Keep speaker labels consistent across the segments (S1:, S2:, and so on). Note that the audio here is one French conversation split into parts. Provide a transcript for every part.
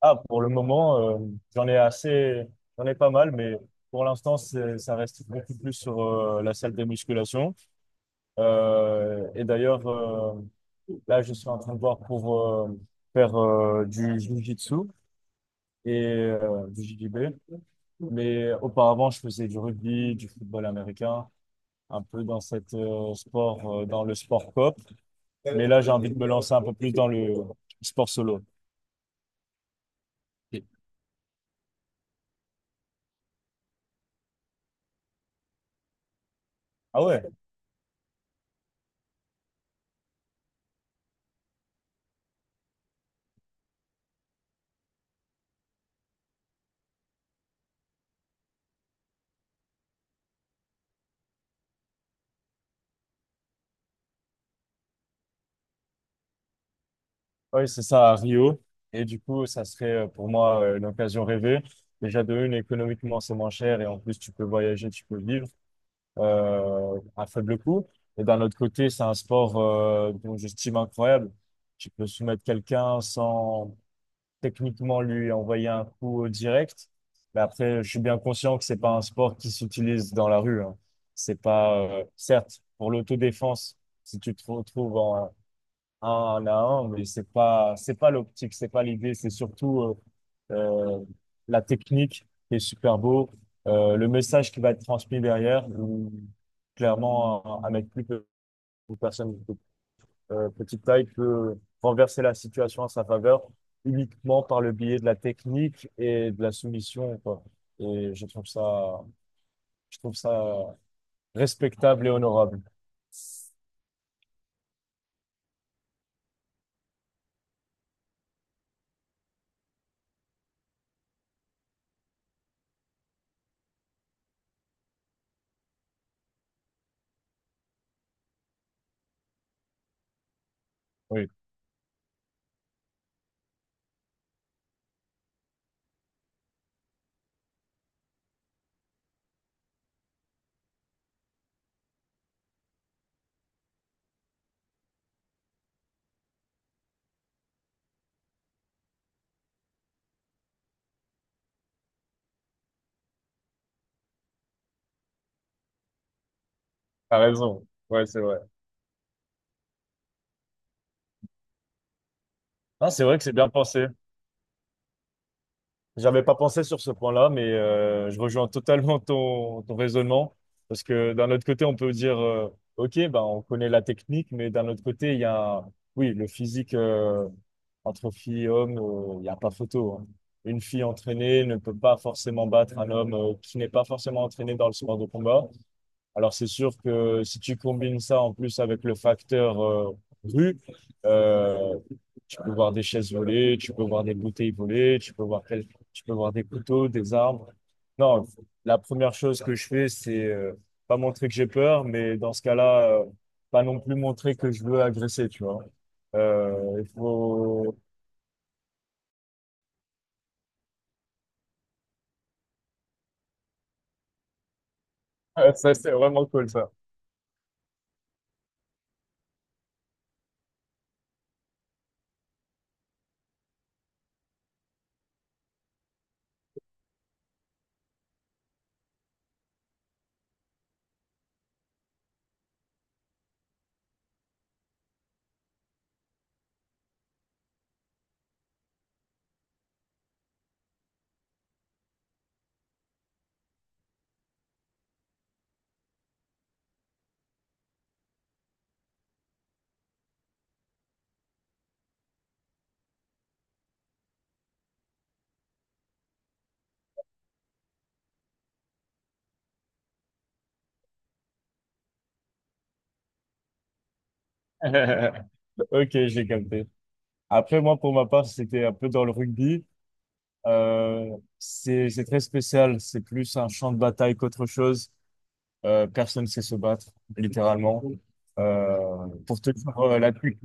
S1: Ah, pour le moment, j'en ai assez, j'en ai pas mal, mais pour l'instant, ça reste beaucoup plus sur la salle de musculation. Et d'ailleurs, là, je suis en train de voir pour faire du jiu-jitsu et du JJB. Mais auparavant, je faisais du rugby, du football américain, un peu dans cette sport, dans le sport cop. Mais là, j'ai envie de me lancer un peu plus dans le sport solo. Ah ouais? Oui, c'est ça, à Rio. Et du coup, ça serait pour moi l'occasion rêvée. Déjà, de une, économiquement, c'est moins cher et en plus, tu peux voyager, tu peux vivre à faible coût. Et d'un autre côté, c'est un sport dont j'estime incroyable. Tu peux soumettre quelqu'un sans techniquement lui envoyer un coup au direct. Mais après, je suis bien conscient que c'est pas un sport qui s'utilise dans la rue, hein. C'est pas, certes, pour l'autodéfense, si tu te retrouves en, un à un, mais c'est pas l'optique, c'est pas l'idée, c'est surtout euh, euh, la technique qui est super beau, le message qui va être transmis derrière, où clairement un mec une personne de petite taille peut renverser la situation à sa faveur uniquement par le biais de la technique et de la soumission, quoi. Et je trouve ça respectable et honorable. Oui, t'as raison. Ouais, c'est vrai. Ah, c'est vrai que c'est bien pensé. J'avais pas pensé sur ce point-là, mais je rejoins totalement ton raisonnement. Parce que d'un autre côté, on peut dire, OK, ben, on connaît la technique, mais d'un autre côté, il y a, oui, le physique entre filles et hommes, il n'y a pas photo, hein. Une fille entraînée ne peut pas forcément battre un homme qui n'est pas forcément entraîné dans le sport de combat. Alors c'est sûr que si tu combines ça en plus avec le facteur rue, euh, tu peux voir des chaises volées, tu peux voir des bouteilles volées, tu peux voir, tu peux voir des couteaux, des armes. Non, la première chose que je fais, c'est pas montrer que j'ai peur, mais dans ce cas-là, pas non plus montrer que je veux agresser, tu vois. Il faut... Ça, c'est vraiment cool, ça. Ok, j'ai capté. Après, moi, pour ma part, c'était un peu dans le rugby. C'est très spécial. C'est plus un champ de bataille qu'autre chose. Personne ne sait se battre, littéralement. Pour te dire la plus...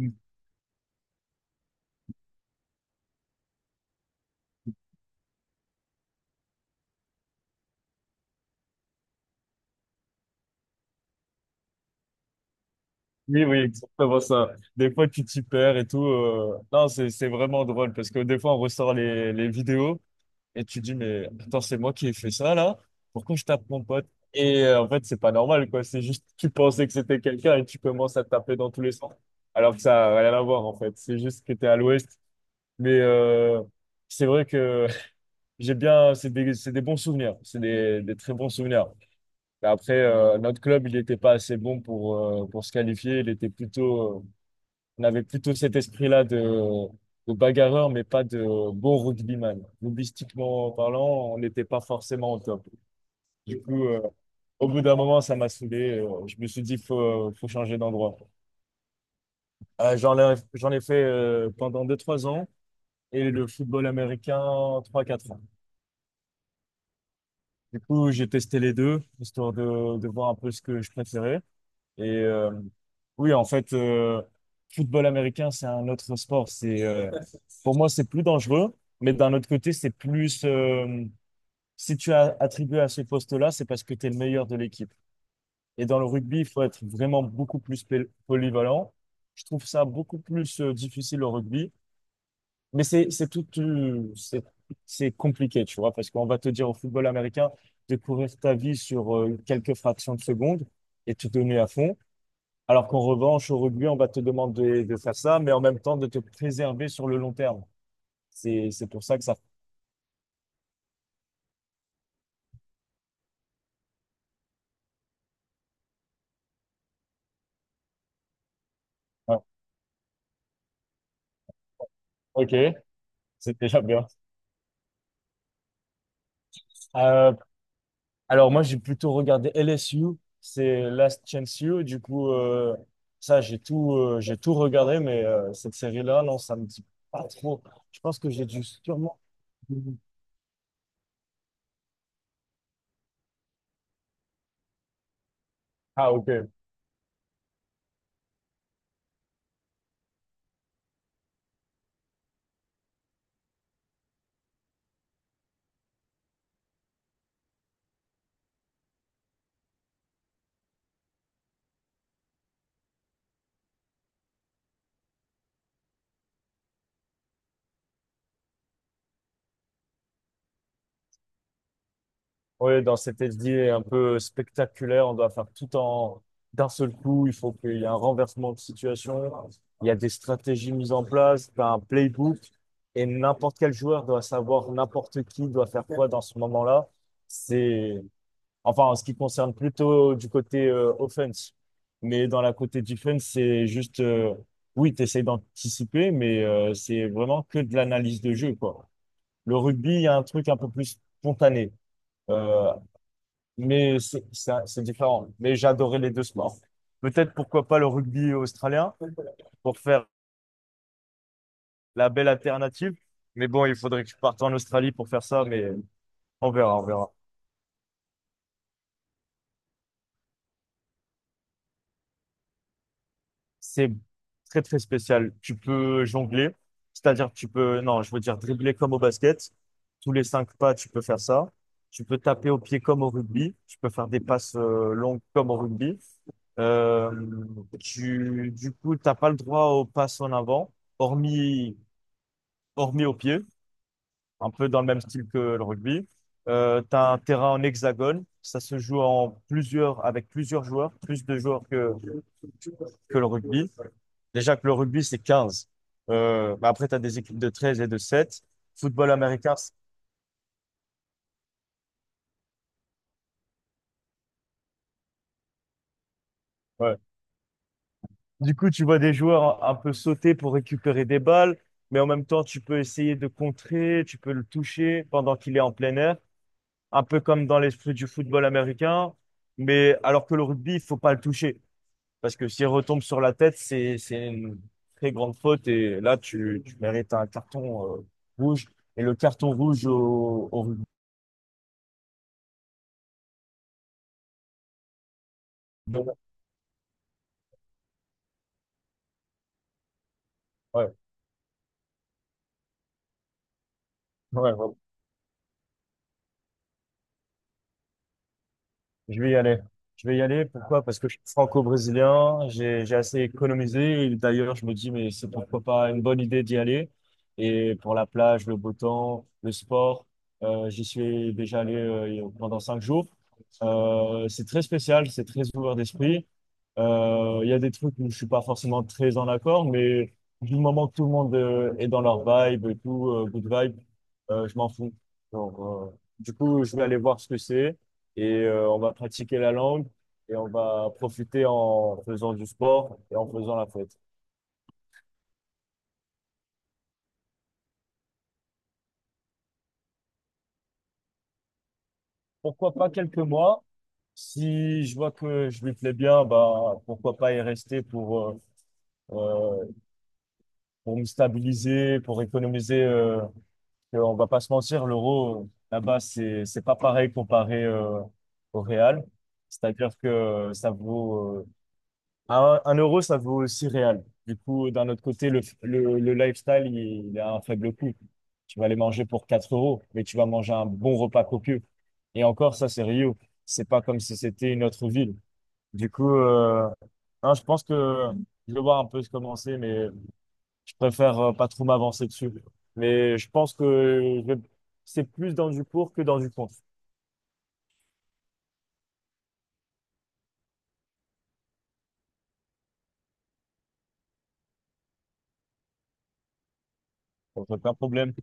S1: Oui, oui, exactement ça. Des fois, tu t'y perds et tout. Non, c'est vraiment drôle parce que des fois, on ressort les vidéos et tu dis, mais attends, c'est moi qui ai fait ça, là? Pourquoi je tape mon pote? Et en fait, c'est pas normal, quoi. C'est juste, tu pensais que c'était quelqu'un et tu commences à taper dans tous les sens. Alors que ça n'a rien à voir, en fait. C'est juste que t'es à l'ouest. Mais c'est vrai que j'ai bien, c'est des bons souvenirs, c'est des très bons souvenirs. Mais après, notre club, il n'était pas assez bon pour se qualifier. Il était plutôt, on avait plutôt cet esprit-là de bagarreur, mais pas de bon rugbyman. Rugbystiquement parlant, on n'était pas forcément au top. Du coup, au bout d'un moment, ça m'a saoulé. Je me suis dit, faut changer d'endroit. J'en ai fait pendant deux trois ans et le football américain trois quatre ans. Du coup, j'ai testé les deux, histoire de voir un peu ce que je préférais. Et oui, en fait, football américain, c'est un autre sport. Pour moi, c'est plus dangereux, mais d'un autre côté, c'est plus... si tu as attribué à ce poste-là, c'est parce que tu es le meilleur de l'équipe. Et dans le rugby, il faut être vraiment beaucoup polyvalent. Je trouve ça beaucoup plus difficile au rugby. Mais c'est tout, c'est compliqué, tu vois, parce qu'on va te dire au football américain de courir ta vie sur quelques fractions de secondes et te donner à fond, alors qu'en revanche, au rugby, on va te demander de faire ça, mais en même temps de te préserver sur le long terme. C'est pour ça que ça... Ah, ok, c'est déjà bien. Euh, Alors moi, j'ai plutôt regardé LSU, c'est Last Chance U. Du coup, ça, j'ai tout regardé, mais cette série-là, non, ça me dit pas trop. Je pense que j'ai dû sûrement... Ah, ok. Oui, dans cette SD un peu spectaculaire, on doit faire tout en d'un seul coup. Il faut qu'il y ait un renversement de situation. Il y a des stratégies mises en place, t'as un playbook, et n'importe quel joueur doit savoir n'importe qui doit faire quoi dans ce moment-là. C'est Enfin, en ce qui concerne plutôt du côté offense. Mais dans la côté defense, c'est juste, oui, tu essaies d'anticiper, mais c'est vraiment que de l'analyse de jeu, quoi. Le rugby, il y a un truc un peu plus spontané. Euh, mais c'est différent. Mais j'adorais les deux sports. Peut-être pourquoi pas le rugby australien pour faire la belle alternative. Mais bon, il faudrait que je parte en Australie pour faire ça, mais on verra, on verra. C'est très très spécial. Tu peux jongler, c'est-à-dire que tu peux, non, je veux dire dribbler comme au basket. Tous les 5 pas, tu peux faire ça. Tu peux taper au pied comme au rugby. Tu peux faire des passes longues comme au rugby. Euh, du coup, t'as pas le droit aux passes en avant, hormis, hormis au pied, un peu dans le même style que le rugby. T'as un terrain en hexagone. Ça se joue en plusieurs, avec plusieurs joueurs, plus de joueurs que le rugby. Déjà que le rugby, c'est 15. Bah après, tu as des équipes de 13 et de 7. Football américain, ouais. Du coup, tu vois des joueurs un peu sauter pour récupérer des balles, mais en même temps, tu peux essayer de contrer, tu peux le toucher pendant qu'il est en plein air, un peu comme dans l'esprit du football américain. Mais alors que le rugby, il faut pas le toucher, parce que s'il retombe sur la tête, c'est une très grande faute, et là, tu mérites un carton rouge, et le carton rouge au rugby. Ouais, ouais, ouais. Je vais y aller. Je vais y aller. Pourquoi? Parce que je suis franco-brésilien, j'ai assez économisé. Et d'ailleurs, je me dis, mais c'est pourquoi pas une bonne idée d'y aller. Et pour la plage, le beau temps, le sport, j'y suis déjà allé pendant 5 jours. C'est très spécial, c'est très ouvert d'esprit. Il y a des trucs où je suis pas forcément très en accord, mais du moment que tout le monde est dans leur vibe et tout, good vibe, je m'en fous. Donc, du coup, je vais aller voir ce que c'est et on va pratiquer la langue et on va profiter en faisant du sport et en faisant la fête. Pourquoi pas quelques mois? Si je vois que je lui plais bien, bah pourquoi pas y rester euh, pour me stabiliser, pour économiser. On va pas se mentir, l'euro là-bas c'est pas pareil comparé au réal. C'est-à-dire que ça vaut un euro, ça vaut aussi réel. Du coup, d'un autre côté, le lifestyle, il a un faible coût. Tu vas aller manger pour 4 euros, mais tu vas manger un bon repas copieux. Et encore, ça, c'est Rio. C'est pas comme si c'était une autre ville. Du coup, non, je pense que je vais voir un peu se commencer, mais je préfère pas trop m'avancer dessus. Mais je pense que c'est plus dans du pour que dans du contre. Donc, aucun problème.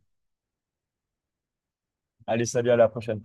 S1: Allez, salut, à la prochaine.